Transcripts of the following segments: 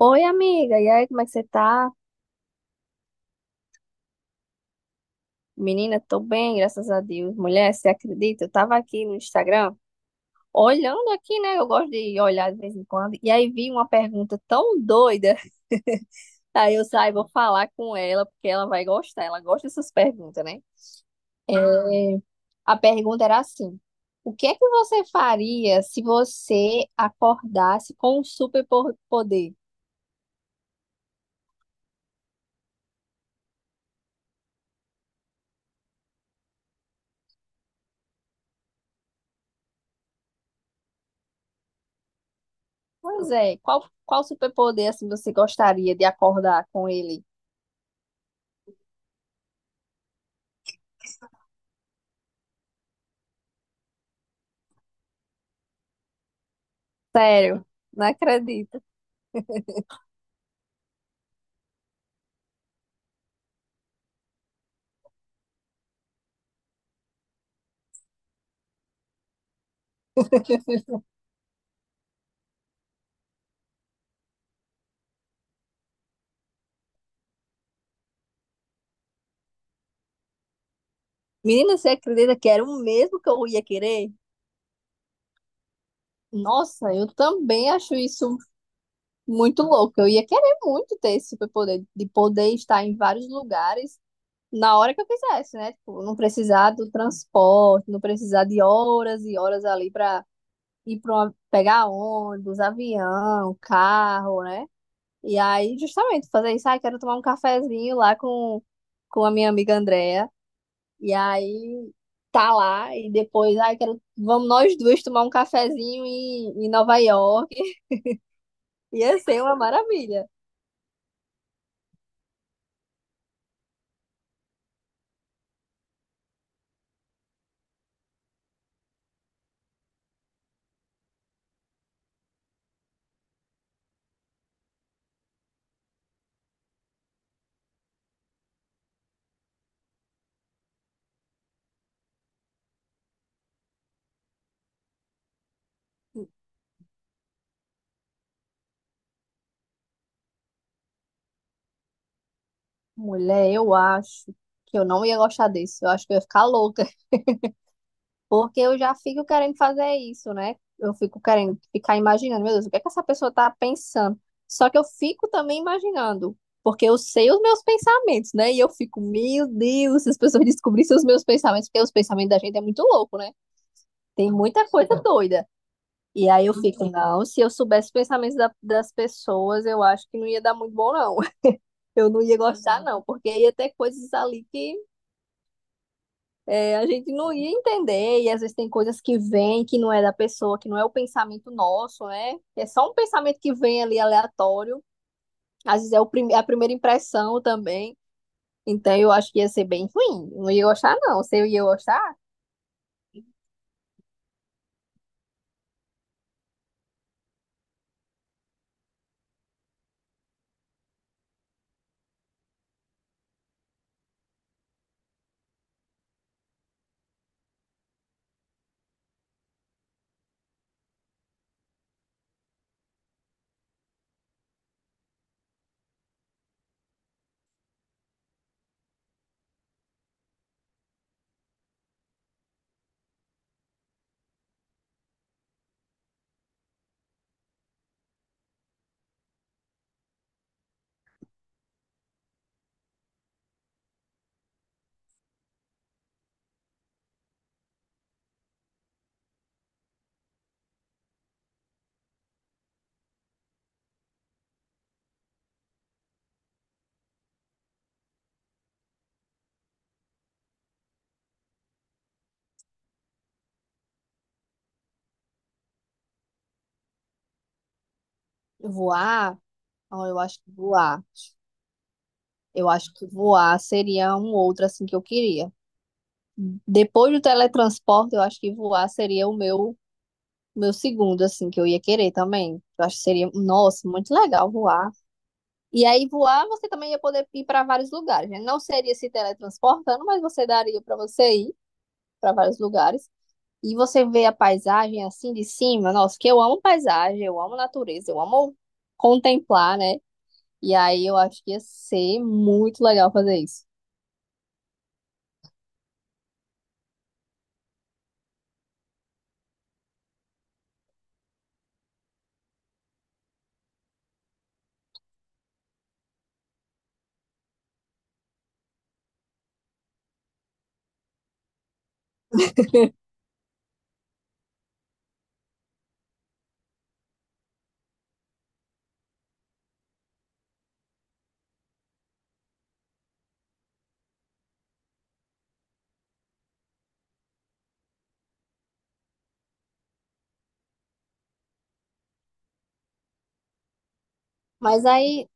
Oi, amiga. E aí, como é que você tá? Menina, tô bem, graças a Deus. Mulher, você acredita? Eu tava aqui no Instagram, olhando aqui, né? Eu gosto de olhar de vez em quando. E aí vi uma pergunta tão doida. Aí eu saí, vou falar com ela, porque ela vai gostar. Ela gosta dessas perguntas, né? É, a pergunta era assim: o que é que você faria se você acordasse com um superpoder? Pois é, qual superpoder assim você gostaria de acordar com ele? Sério, não acredito. Menina, você acredita que era o mesmo que eu ia querer? Nossa, eu também acho isso muito louco. Eu ia querer muito ter esse superpoder, de poder estar em vários lugares na hora que eu quisesse, né? Tipo, não precisar do transporte, não precisar de horas e horas ali pra ir para uma, pegar ônibus, avião, carro, né? E aí, justamente, fazer isso, ah, quero tomar um cafezinho lá com a minha amiga Andrea. E aí tá lá e depois, ai, quero, vamos nós duas tomar um cafezinho em, em Nova York. Ia ser uma maravilha. Mulher, eu acho que eu não ia gostar disso. Eu acho que eu ia ficar louca, porque eu já fico querendo fazer isso, né? Eu fico querendo ficar imaginando, meu Deus, o que é que essa pessoa tá pensando? Só que eu fico também imaginando, porque eu sei os meus pensamentos, né? E eu fico, meu Deus, se as pessoas descobrissem os meus pensamentos, porque os pensamentos da gente é muito louco, né? Tem muita coisa doida. E aí eu fico, não, se eu soubesse os pensamentos das pessoas, eu acho que não ia dar muito bom, não. Eu não ia gostar, não, porque ia ter coisas ali que é, a gente não ia entender, e às vezes tem coisas que vêm que não é da pessoa, que não é o pensamento nosso, né? É só um pensamento que vem ali aleatório. Às vezes é o a primeira impressão também. Então eu acho que ia ser bem ruim. Não ia gostar, não. Se eu ia gostar, voar. Não, eu acho que voar. Eu acho que voar seria um outro assim que eu queria. Depois do teletransporte, eu acho que voar seria o meu. Meu segundo, assim, que eu ia querer também. Eu acho que seria, nossa, muito legal voar. E aí, voar, você também ia poder ir para vários lugares, né? Não seria se teletransportando, mas você daria para você ir para vários lugares. E você vê a paisagem assim de cima. Nossa, que eu amo paisagem, eu amo natureza, eu amo contemplar, né? E aí, eu acho que ia ser muito legal fazer isso. Mas aí,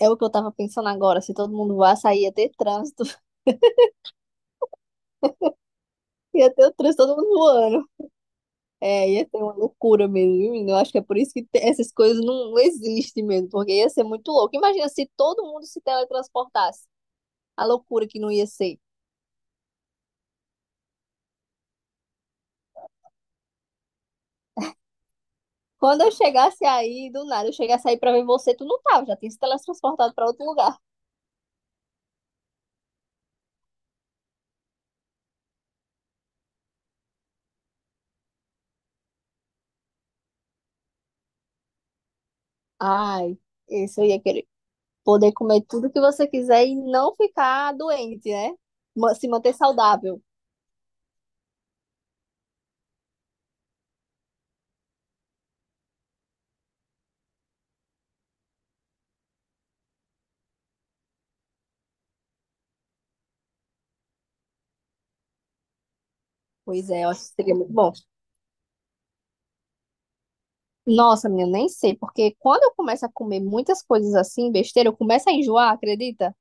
é o que eu tava pensando agora: se todo mundo voasse, aí ia ter trânsito. Ia ter o trânsito todo mundo voando. É, ia ser uma loucura mesmo, viu, menino? Eu acho que é por isso que essas coisas não existem mesmo, porque ia ser muito louco. Imagina se todo mundo se teletransportasse, a loucura que não ia ser. Quando eu chegasse aí, do nada, eu chegasse aí pra ver você, tu não tava, já tinha se teletransportado pra outro lugar. Ai, isso eu ia querer. Poder comer tudo que você quiser e não ficar doente, né? Se manter saudável. Pois é, eu acho que seria muito bom. Nossa, menina, nem sei, porque quando eu começo a comer muitas coisas assim, besteira, eu começo a enjoar, acredita?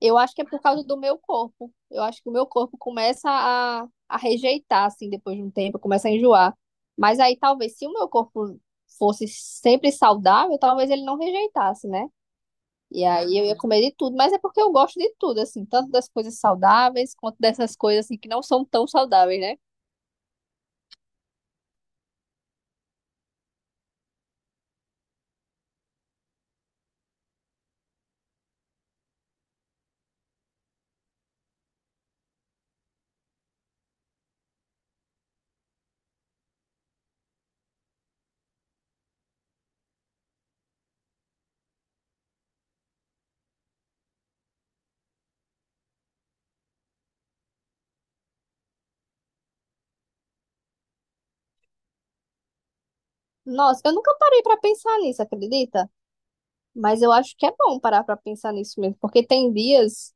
Eu acho que é por causa do meu corpo. Eu acho que o meu corpo começa a rejeitar, assim, depois de um tempo, começa a enjoar. Mas aí talvez se o meu corpo fosse sempre saudável, talvez ele não rejeitasse, né? E aí eu ia comer de tudo, mas é porque eu gosto de tudo, assim, tanto das coisas saudáveis quanto dessas coisas assim que não são tão saudáveis, né? Nossa, eu nunca parei pra pensar nisso, acredita? Mas eu acho que é bom parar pra pensar nisso mesmo, porque tem dias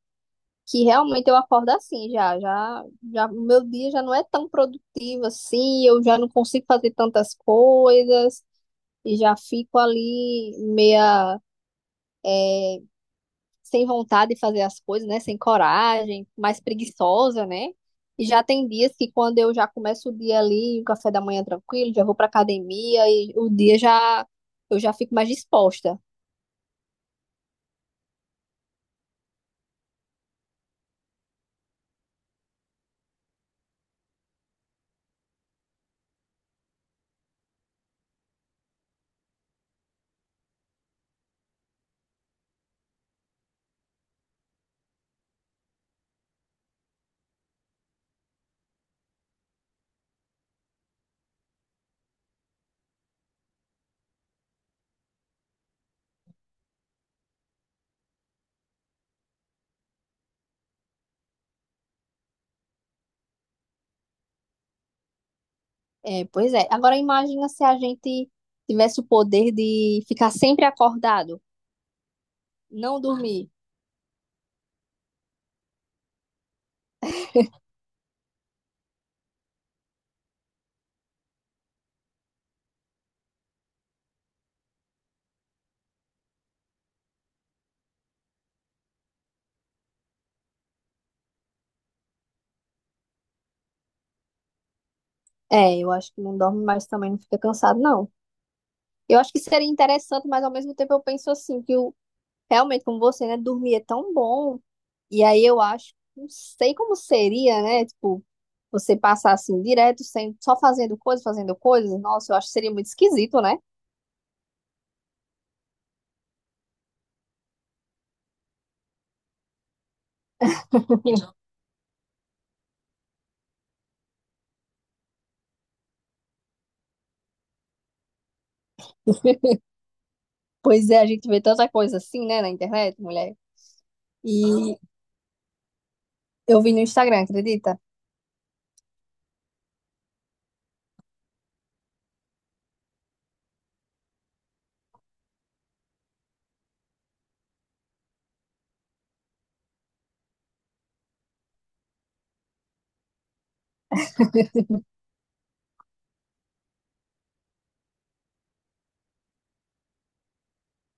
que realmente eu acordo assim já, o meu dia já não é tão produtivo assim, eu já não consigo fazer tantas coisas e já fico ali meia é, sem vontade de fazer as coisas, né, sem coragem, mais preguiçosa, né? E já tem dias que quando eu já começo o dia ali, o café da manhã tranquilo, já vou para academia e o dia já eu já fico mais disposta. É, pois é. Agora imagina se a gente tivesse o poder de ficar sempre acordado. Não dormir. É, eu acho que não dorme, mas também não fica cansado, não. Eu acho que seria interessante, mas ao mesmo tempo eu penso assim, que realmente, como você, né, dormir é tão bom. E aí eu acho, não sei como seria, né? Tipo, você passar assim direto, sem, só fazendo coisas, fazendo coisas. Nossa, eu acho que seria muito esquisito, né? Pois é, a gente vê tanta coisa assim, né, na internet, mulher. E eu vi no Instagram, acredita?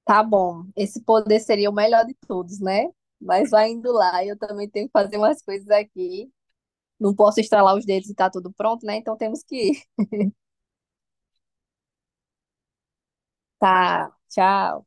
Tá bom, esse poder seria o melhor de todos, né? Mas vai indo lá, eu também tenho que fazer umas coisas aqui. Não posso estralar os dedos e tá tudo pronto, né? Então temos que ir. Tá, tchau.